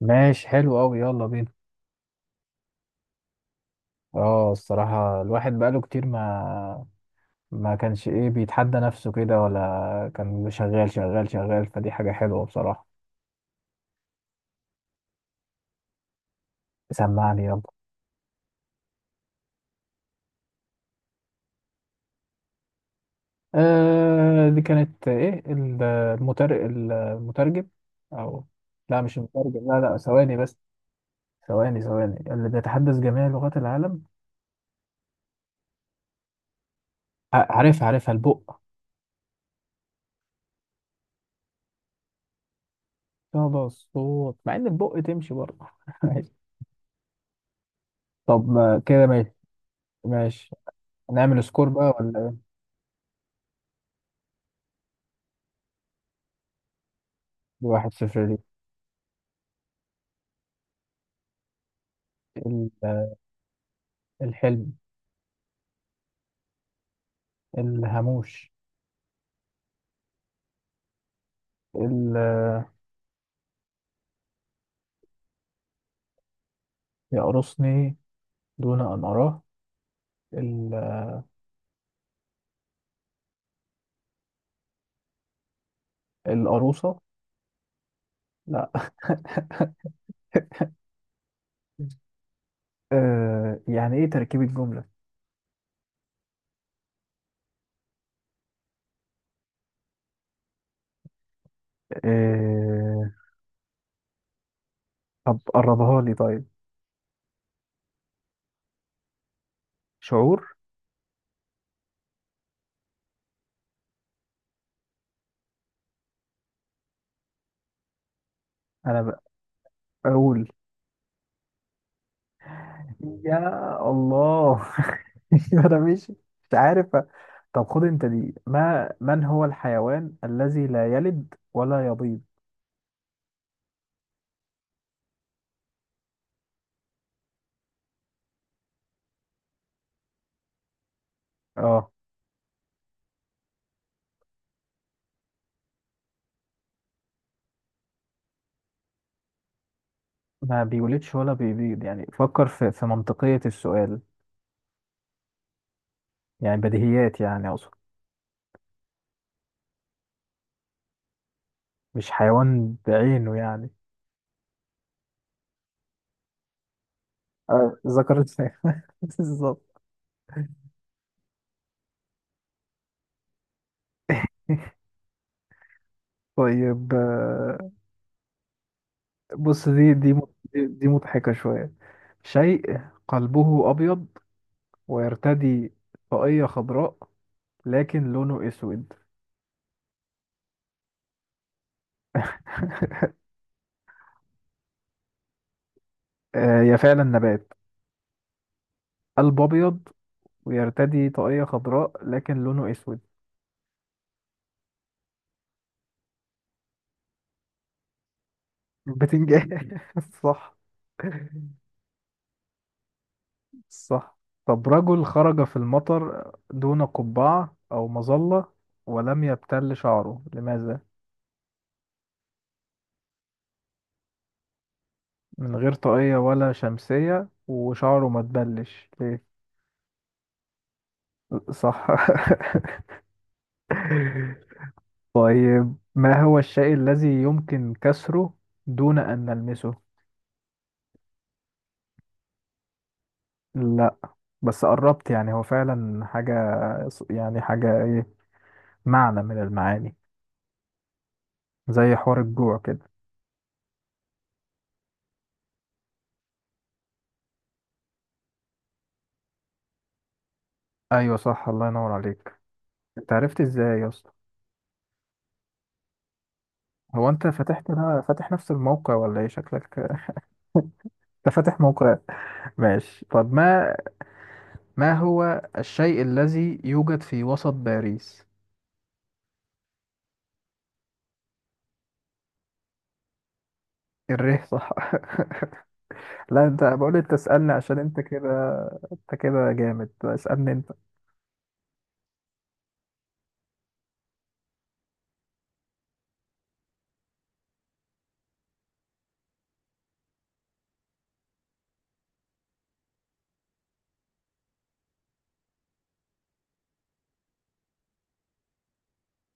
ماشي حلو قوي، يلا بينا. اه الصراحة الواحد بقاله كتير ما كانش ايه بيتحدى نفسه كده، ولا كان شغال شغال شغال، فدي حاجة حلوة بصراحة. سمعني يلا. آه، دي كانت ايه المترجم. او لا، مش المترجم، لا لا، ثواني بس. ثواني ثواني، اللي بيتحدث جميع لغات العالم. عارفها البق. صدى الصوت، مع ان البق تمشي برضه ماشي. طب كده ماشي ماشي. نعمل سكور بقى ولا. 1-0 ليك. ال- الحلم. الهاموش. ال- يقرصني دون أن أراه. ال- القروصة لا آه، يعني إيه تركيب الجملة؟ آه، طب قربها لي طيب. شعور. أنا بقول. يا الله أنا مش عارف. طب خد أنت دي. ما من هو الحيوان الذي لا يلد ولا يبيض؟ اه. ما بيولدش ولا بيبيض، يعني فكر في منطقية السؤال. يعني بديهيات، يعني أقصد مش حيوان بعينه يعني. آه، ذكر الفاعل. بالظبط. طيب. بص دي دي مض- دي دي مضحكة شوية. شيء قلبه أبيض، ويرتدي طاقية خضراء، لكن لونه أسود آه، هي فعلا نبات. قلب أبيض، ويرتدي طاقية خضراء، لكن لونه أسود. بتنجان صح. صح. طب، رجل خرج في المطر دون قبعة أو مظلة، ولم يبتل شعره، لماذا؟ من غير طاقية ولا شمسية، وشعره ما تبلش ليه؟ صح طيب، ما هو الشيء الذي يمكن كسره دون أن نلمسه؟ لا، بس قربت. يعني هو فعلا حاجة، يعني حاجة إيه، معنى من المعاني، زي حوار الجوع كده. أيوة صح، الله ينور عليك. أنت عرفت إزاي يا اسطى؟ هو انت فاتح نفس الموقع ولا ايه شكلك انت فاتح موقع. ماشي. طب ما هو الشيء الذي يوجد في وسط باريس. الريح، صح لا، انت بقول، انت اسألني عشان انت كده. انت كده جامد، اسألني انت.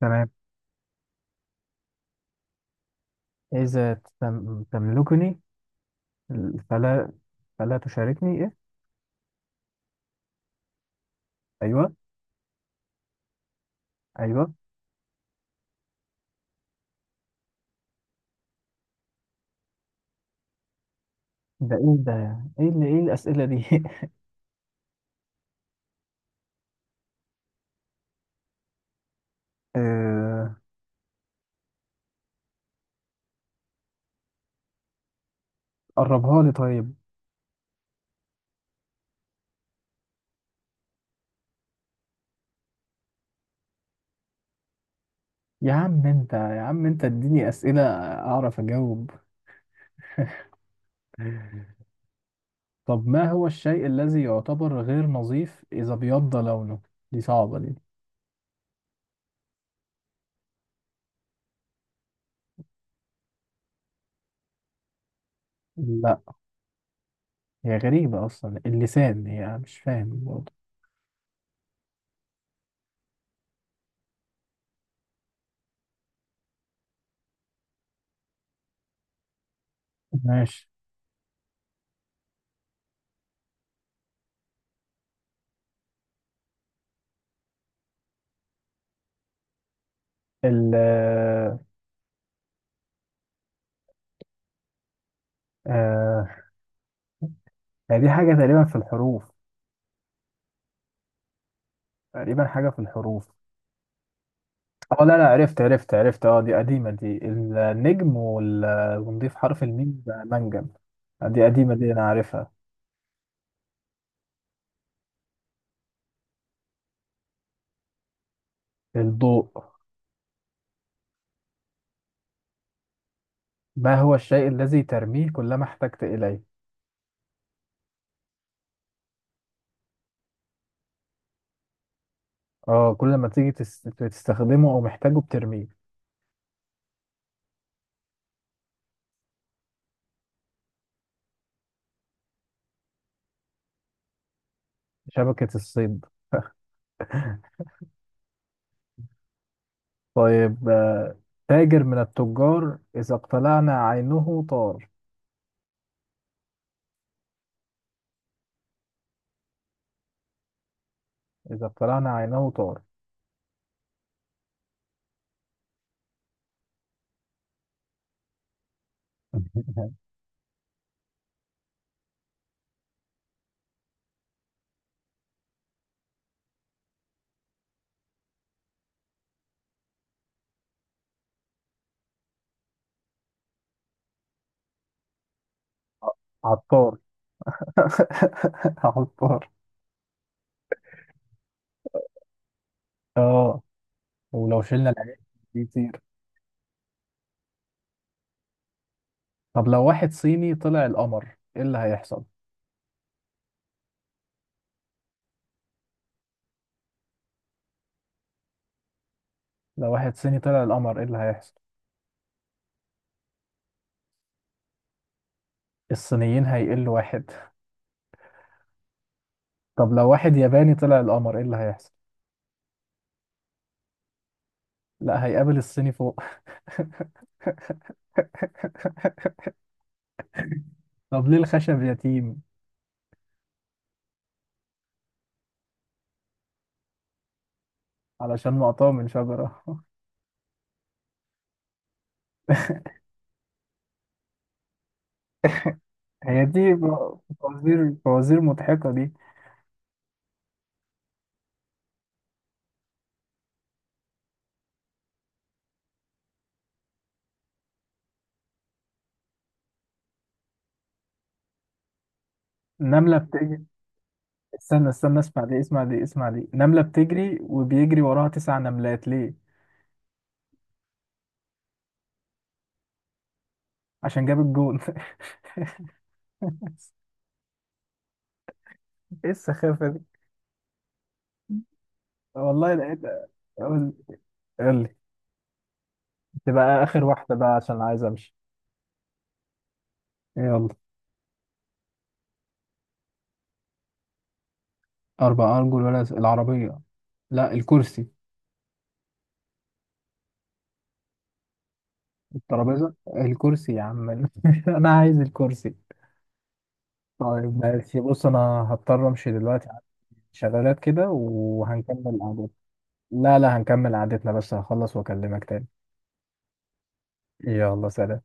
تمام. إذا تملكني فلا فلا تشاركني، إيه؟ أيوه، أيوه. ده إيه ده؟ إيه الأسئلة دي آه، قربها لي طيب. يا عم انت، يا عم انت، اديني اسئله اعرف اجاوب. طب ما هو الشيء الذي يعتبر غير نظيف اذا بيض لونه؟ دي صعبه دي. لا، هي غريبه اصلا اللسان، هي مش فاهم برضه. ماشي. ال آه هي دي حاجه تقريبا في الحروف، تقريبا حاجه في الحروف. اه لا لا، عرفت عرفت عرفت، اه دي قديمه، دي النجم ونضيف حرف الميم بقى منجم. دي قديمه دي، انا عارفها. الضوء. ما هو الشيء الذي ترميه كلما احتجت إليه؟ اه، كل ما تيجي تستخدمه أو محتاجه بترميه. شبكة الصيد طيب. تاجر من التجار إذا اقتلعنا عينه طار. إذا اقتلعنا عينه طار. عطار عطار. اه، ولو شلنا العين بيطير. طب لو واحد صيني طلع القمر، ايه اللي هيحصل؟ لو واحد صيني طلع القمر، ايه اللي هيحصل؟ الصينيين هيقلوا واحد. طب لو واحد ياباني طلع القمر، ايه اللي هيحصل؟ لا، هيقابل الصيني فوق طب ليه الخشب يتيم؟ علشان مقطوع من شجرة هي دي فوازير، فوازير مضحكة دي. نملة بتجري. استنى استنى، اسمع دي اسمع دي اسمع دي. نملة بتجري وبيجري وراها 9 نملات، ليه؟ عشان جاب الجون ايه السخافة دي؟ والله لقيت. قول، قول لي. تبقى آخر واحدة بقى، عشان عايز أمشي. يلا. 4 أرجل ولا العربية. لا، الكرسي. الترابيزة الكرسي يا عم أنا عايز الكرسي. طيب ماشي، بص انا هضطر امشي دلوقتي، عندي شغالات كده وهنكمل قعدتنا. لا لا، هنكمل قعدتنا، بس هخلص واكلمك تاني. يلا سلام.